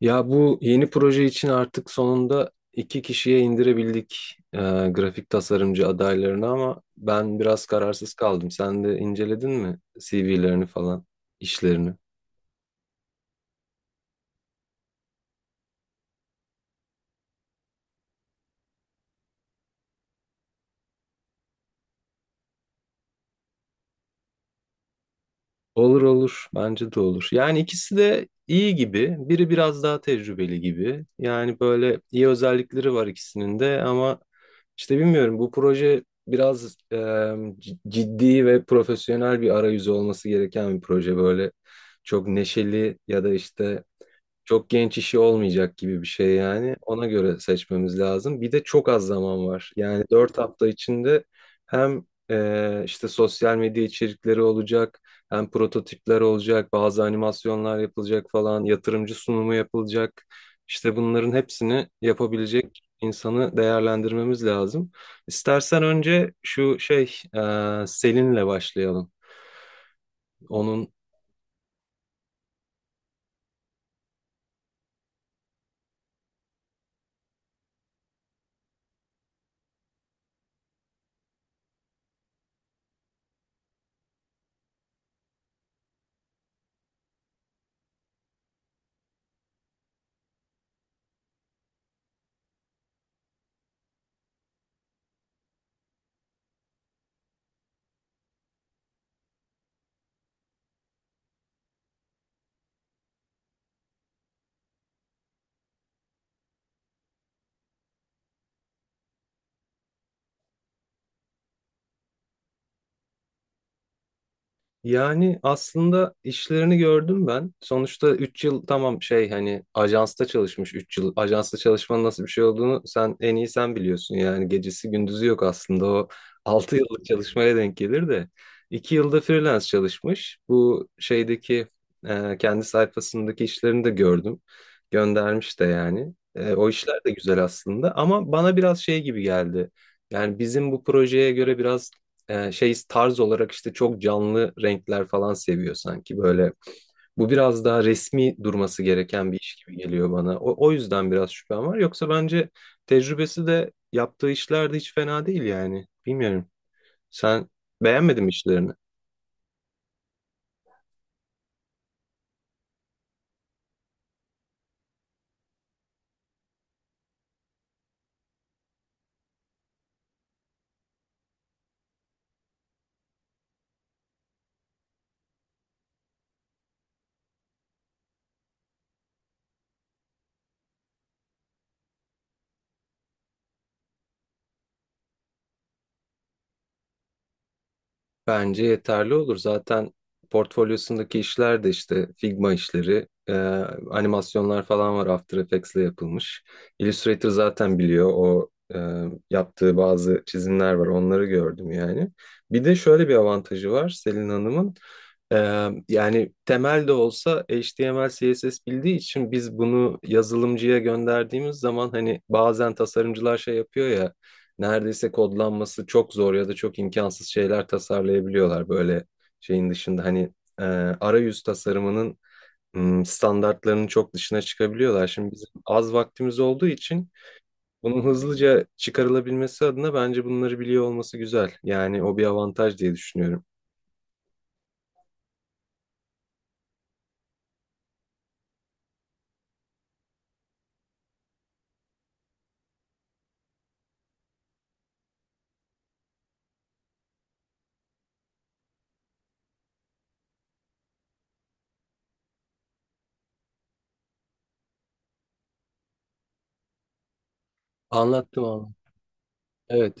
Ya bu yeni proje için artık sonunda iki kişiye indirebildik grafik tasarımcı adaylarını, ama ben biraz kararsız kaldım. Sen de inceledin mi CV'lerini falan, işlerini? Olur olur. Bence de olur. Yani ikisi de iyi gibi. Biri biraz daha tecrübeli gibi. Yani böyle iyi özellikleri var ikisinin de, ama işte bilmiyorum, bu proje biraz ciddi ve profesyonel bir arayüzü olması gereken bir proje. Böyle çok neşeli ya da işte çok genç işi olmayacak gibi bir şey yani. Ona göre seçmemiz lazım. Bir de çok az zaman var. Yani 4 hafta içinde hem işte sosyal medya içerikleri olacak. Hem prototipler olacak, bazı animasyonlar yapılacak falan, yatırımcı sunumu yapılacak. İşte bunların hepsini yapabilecek insanı değerlendirmemiz lazım. İstersen önce şu şey, Selin'le başlayalım. Onun. Yani aslında işlerini gördüm ben. Sonuçta 3 yıl, tamam, şey, hani ajansta çalışmış 3 yıl. Ajansta çalışmanın nasıl bir şey olduğunu sen en iyi sen biliyorsun. Yani gecesi gündüzü yok aslında, o 6 yıllık çalışmaya denk gelir de. 2 yılda freelance çalışmış. Bu şeydeki kendi sayfasındaki işlerini de gördüm. Göndermiş de yani. O işler de güzel aslında ama bana biraz şey gibi geldi. Yani bizim bu projeye göre biraz şey, tarz olarak işte çok canlı renkler falan seviyor sanki böyle. Bu biraz daha resmi durması gereken bir iş gibi geliyor bana. O yüzden biraz şüphem var. Yoksa bence tecrübesi de yaptığı işler de hiç fena değil yani. Bilmiyorum. Sen beğenmedin mi işlerini? Bence yeterli olur. Zaten portfolyosundaki işler de işte Figma işleri, animasyonlar falan var, After Effects'le yapılmış. Illustrator zaten biliyor, o e, yaptığı bazı çizimler var. Onları gördüm yani. Bir de şöyle bir avantajı var Selin Hanım'ın. E, Yani temel de olsa HTML, CSS bildiği için biz bunu yazılımcıya gönderdiğimiz zaman, hani bazen tasarımcılar şey yapıyor ya, neredeyse kodlanması çok zor ya da çok imkansız şeyler tasarlayabiliyorlar böyle. Şeyin dışında hani arayüz tasarımının standartlarının çok dışına çıkabiliyorlar. Şimdi bizim az vaktimiz olduğu için bunun hızlıca çıkarılabilmesi adına bence bunları biliyor olması güzel. Yani o bir avantaj diye düşünüyorum. Anlattım ama. Evet.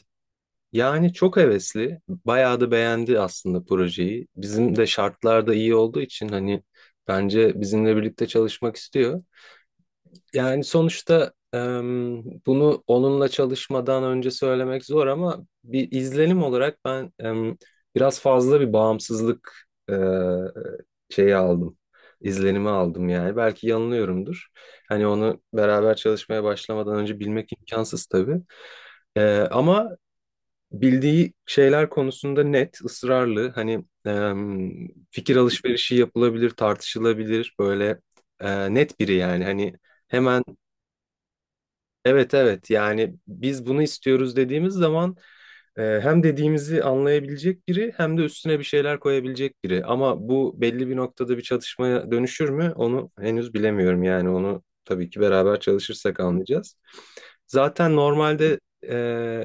Yani çok hevesli. Bayağı da beğendi aslında projeyi. Bizim de şartlar da iyi olduğu için hani bence bizimle birlikte çalışmak istiyor. Yani sonuçta bunu onunla çalışmadan önce söylemek zor ama bir izlenim olarak ben biraz fazla bir bağımsızlık e, şeyi aldım. İzlenimi aldım yani. Belki yanılıyorumdur. Hani onu beraber çalışmaya başlamadan önce bilmek imkansız tabii. Ama bildiği şeyler konusunda net, ısrarlı. Hani fikir alışverişi yapılabilir, tartışılabilir. Böyle net biri yani. Hani. Hemen. Evet, evet, yani biz bunu istiyoruz dediğimiz zaman hem dediğimizi anlayabilecek biri, hem de üstüne bir şeyler koyabilecek biri. Ama bu belli bir noktada bir çatışmaya dönüşür mü onu henüz bilemiyorum, yani onu tabii ki beraber çalışırsak anlayacağız. Zaten normalde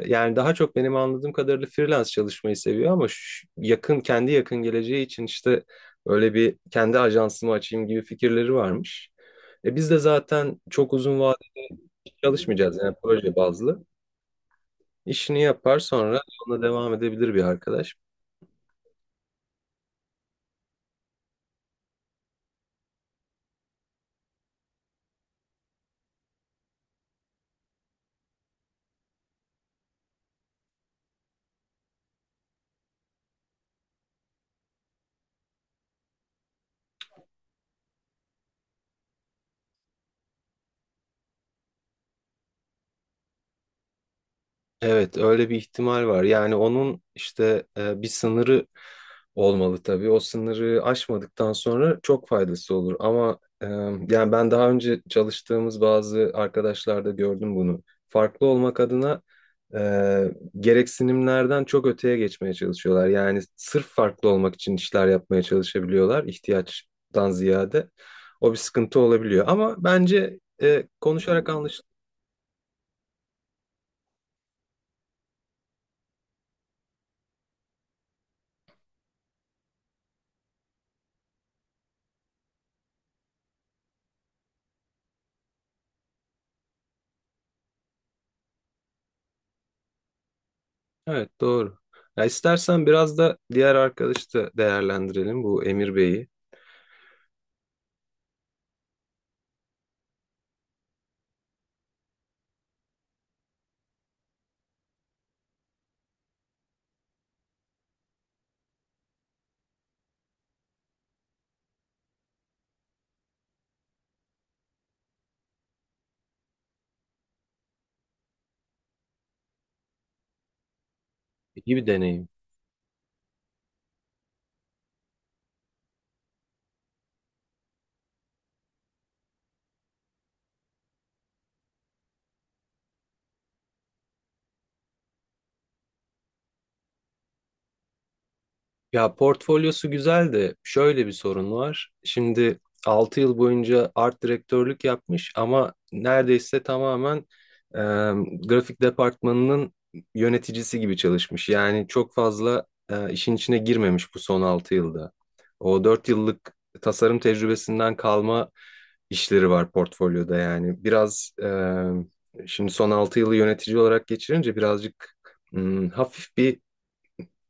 yani daha çok benim anladığım kadarıyla freelance çalışmayı seviyor ama yakın geleceği için işte öyle bir kendi ajansımı açayım gibi fikirleri varmış. Biz de zaten çok uzun çalışmayacağız, yani proje bazlı. İşini yapar, sonra ona devam edebilir bir arkadaş. Evet, öyle bir ihtimal var. Yani onun işte bir sınırı olmalı tabii. O sınırı aşmadıktan sonra çok faydası olur. Ama yani ben daha önce çalıştığımız bazı arkadaşlarda gördüm bunu. Farklı olmak adına e, gereksinimlerden çok öteye geçmeye çalışıyorlar. Yani sırf farklı olmak için işler yapmaya çalışabiliyorlar, ihtiyaçtan ziyade. O bir sıkıntı olabiliyor. Ama bence konuşarak. Evet, doğru. Ya istersen biraz da diğer arkadaşı da değerlendirelim, bu Emir Bey'i. İyi bir deneyim. Ya portfolyosu güzel de şöyle bir sorun var. Şimdi 6 yıl boyunca art direktörlük yapmış ama neredeyse tamamen e, grafik departmanının yöneticisi gibi çalışmış. Yani çok fazla işin içine girmemiş bu son 6 yılda. O 4 yıllık tasarım tecrübesinden kalma işleri var portfolyoda yani. Biraz şimdi son 6 yılı yönetici olarak geçirince birazcık hafif bir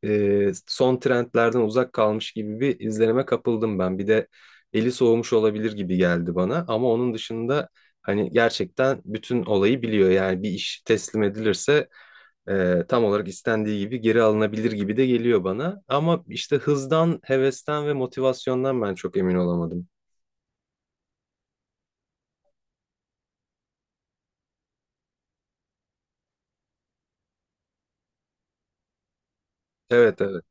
son trendlerden uzak kalmış gibi bir izlenime kapıldım ben. Bir de eli soğumuş olabilir gibi geldi bana ama onun dışında hani gerçekten bütün olayı biliyor. Yani bir iş teslim edilirse tam olarak istendiği gibi geri alınabilir gibi de geliyor bana. Ama işte hızdan, hevesten ve motivasyondan ben çok emin olamadım. Evet, evet.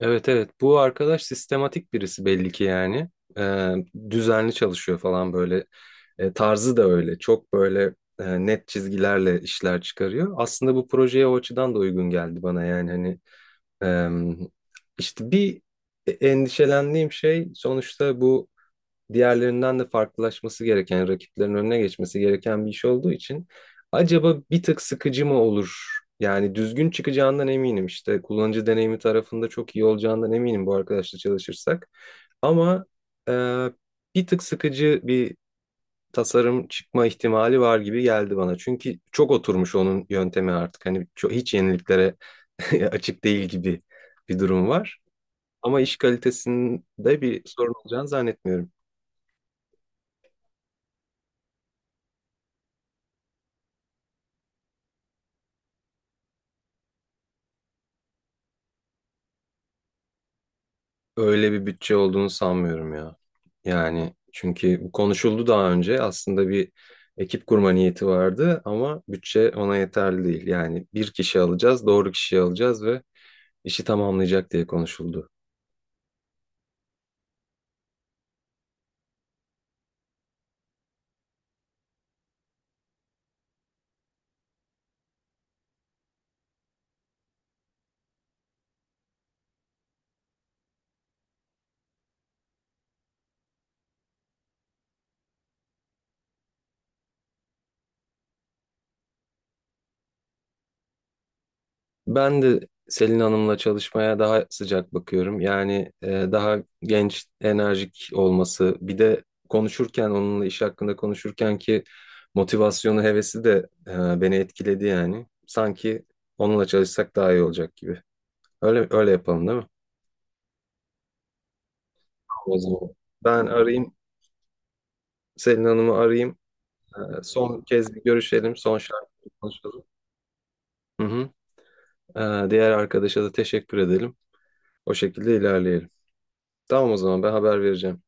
Evet, evet, bu arkadaş sistematik birisi belli ki yani. Ee, Düzenli çalışıyor falan, böyle tarzı da öyle, çok böyle net çizgilerle işler çıkarıyor. Aslında bu projeye o açıdan da uygun geldi bana, yani hani em, işte bir endişelendiğim şey, sonuçta bu diğerlerinden de farklılaşması gereken, rakiplerin önüne geçmesi gereken bir iş olduğu için acaba bir tık sıkıcı mı olur? Yani düzgün çıkacağından eminim, işte kullanıcı deneyimi tarafında çok iyi olacağından eminim bu arkadaşla çalışırsak. Ama e, bir tık sıkıcı bir tasarım çıkma ihtimali var gibi geldi bana. Çünkü çok oturmuş onun yöntemi artık. Hani çok, hiç yeniliklere açık değil gibi bir durum var. Ama iş kalitesinde bir sorun olacağını zannetmiyorum. Öyle bir bütçe olduğunu sanmıyorum ya. Yani çünkü bu konuşuldu daha önce. Aslında bir ekip kurma niyeti vardı ama bütçe ona yeterli değil. Yani bir kişi alacağız, doğru kişiyi alacağız ve işi tamamlayacak diye konuşuldu. Ben de Selin Hanım'la çalışmaya daha sıcak bakıyorum. Yani daha genç, enerjik olması, bir de konuşurken, onunla iş hakkında konuşurken ki motivasyonu, hevesi de beni etkiledi yani. Sanki onunla çalışsak daha iyi olacak gibi. Öyle öyle yapalım, değil mi? O zaman ben arayayım, Selin Hanım'ı arayayım. Son kez bir görüşelim, son şartları konuşalım. Hı hı. Diğer arkadaşa da teşekkür edelim. O şekilde ilerleyelim. Tamam, o zaman ben haber vereceğim.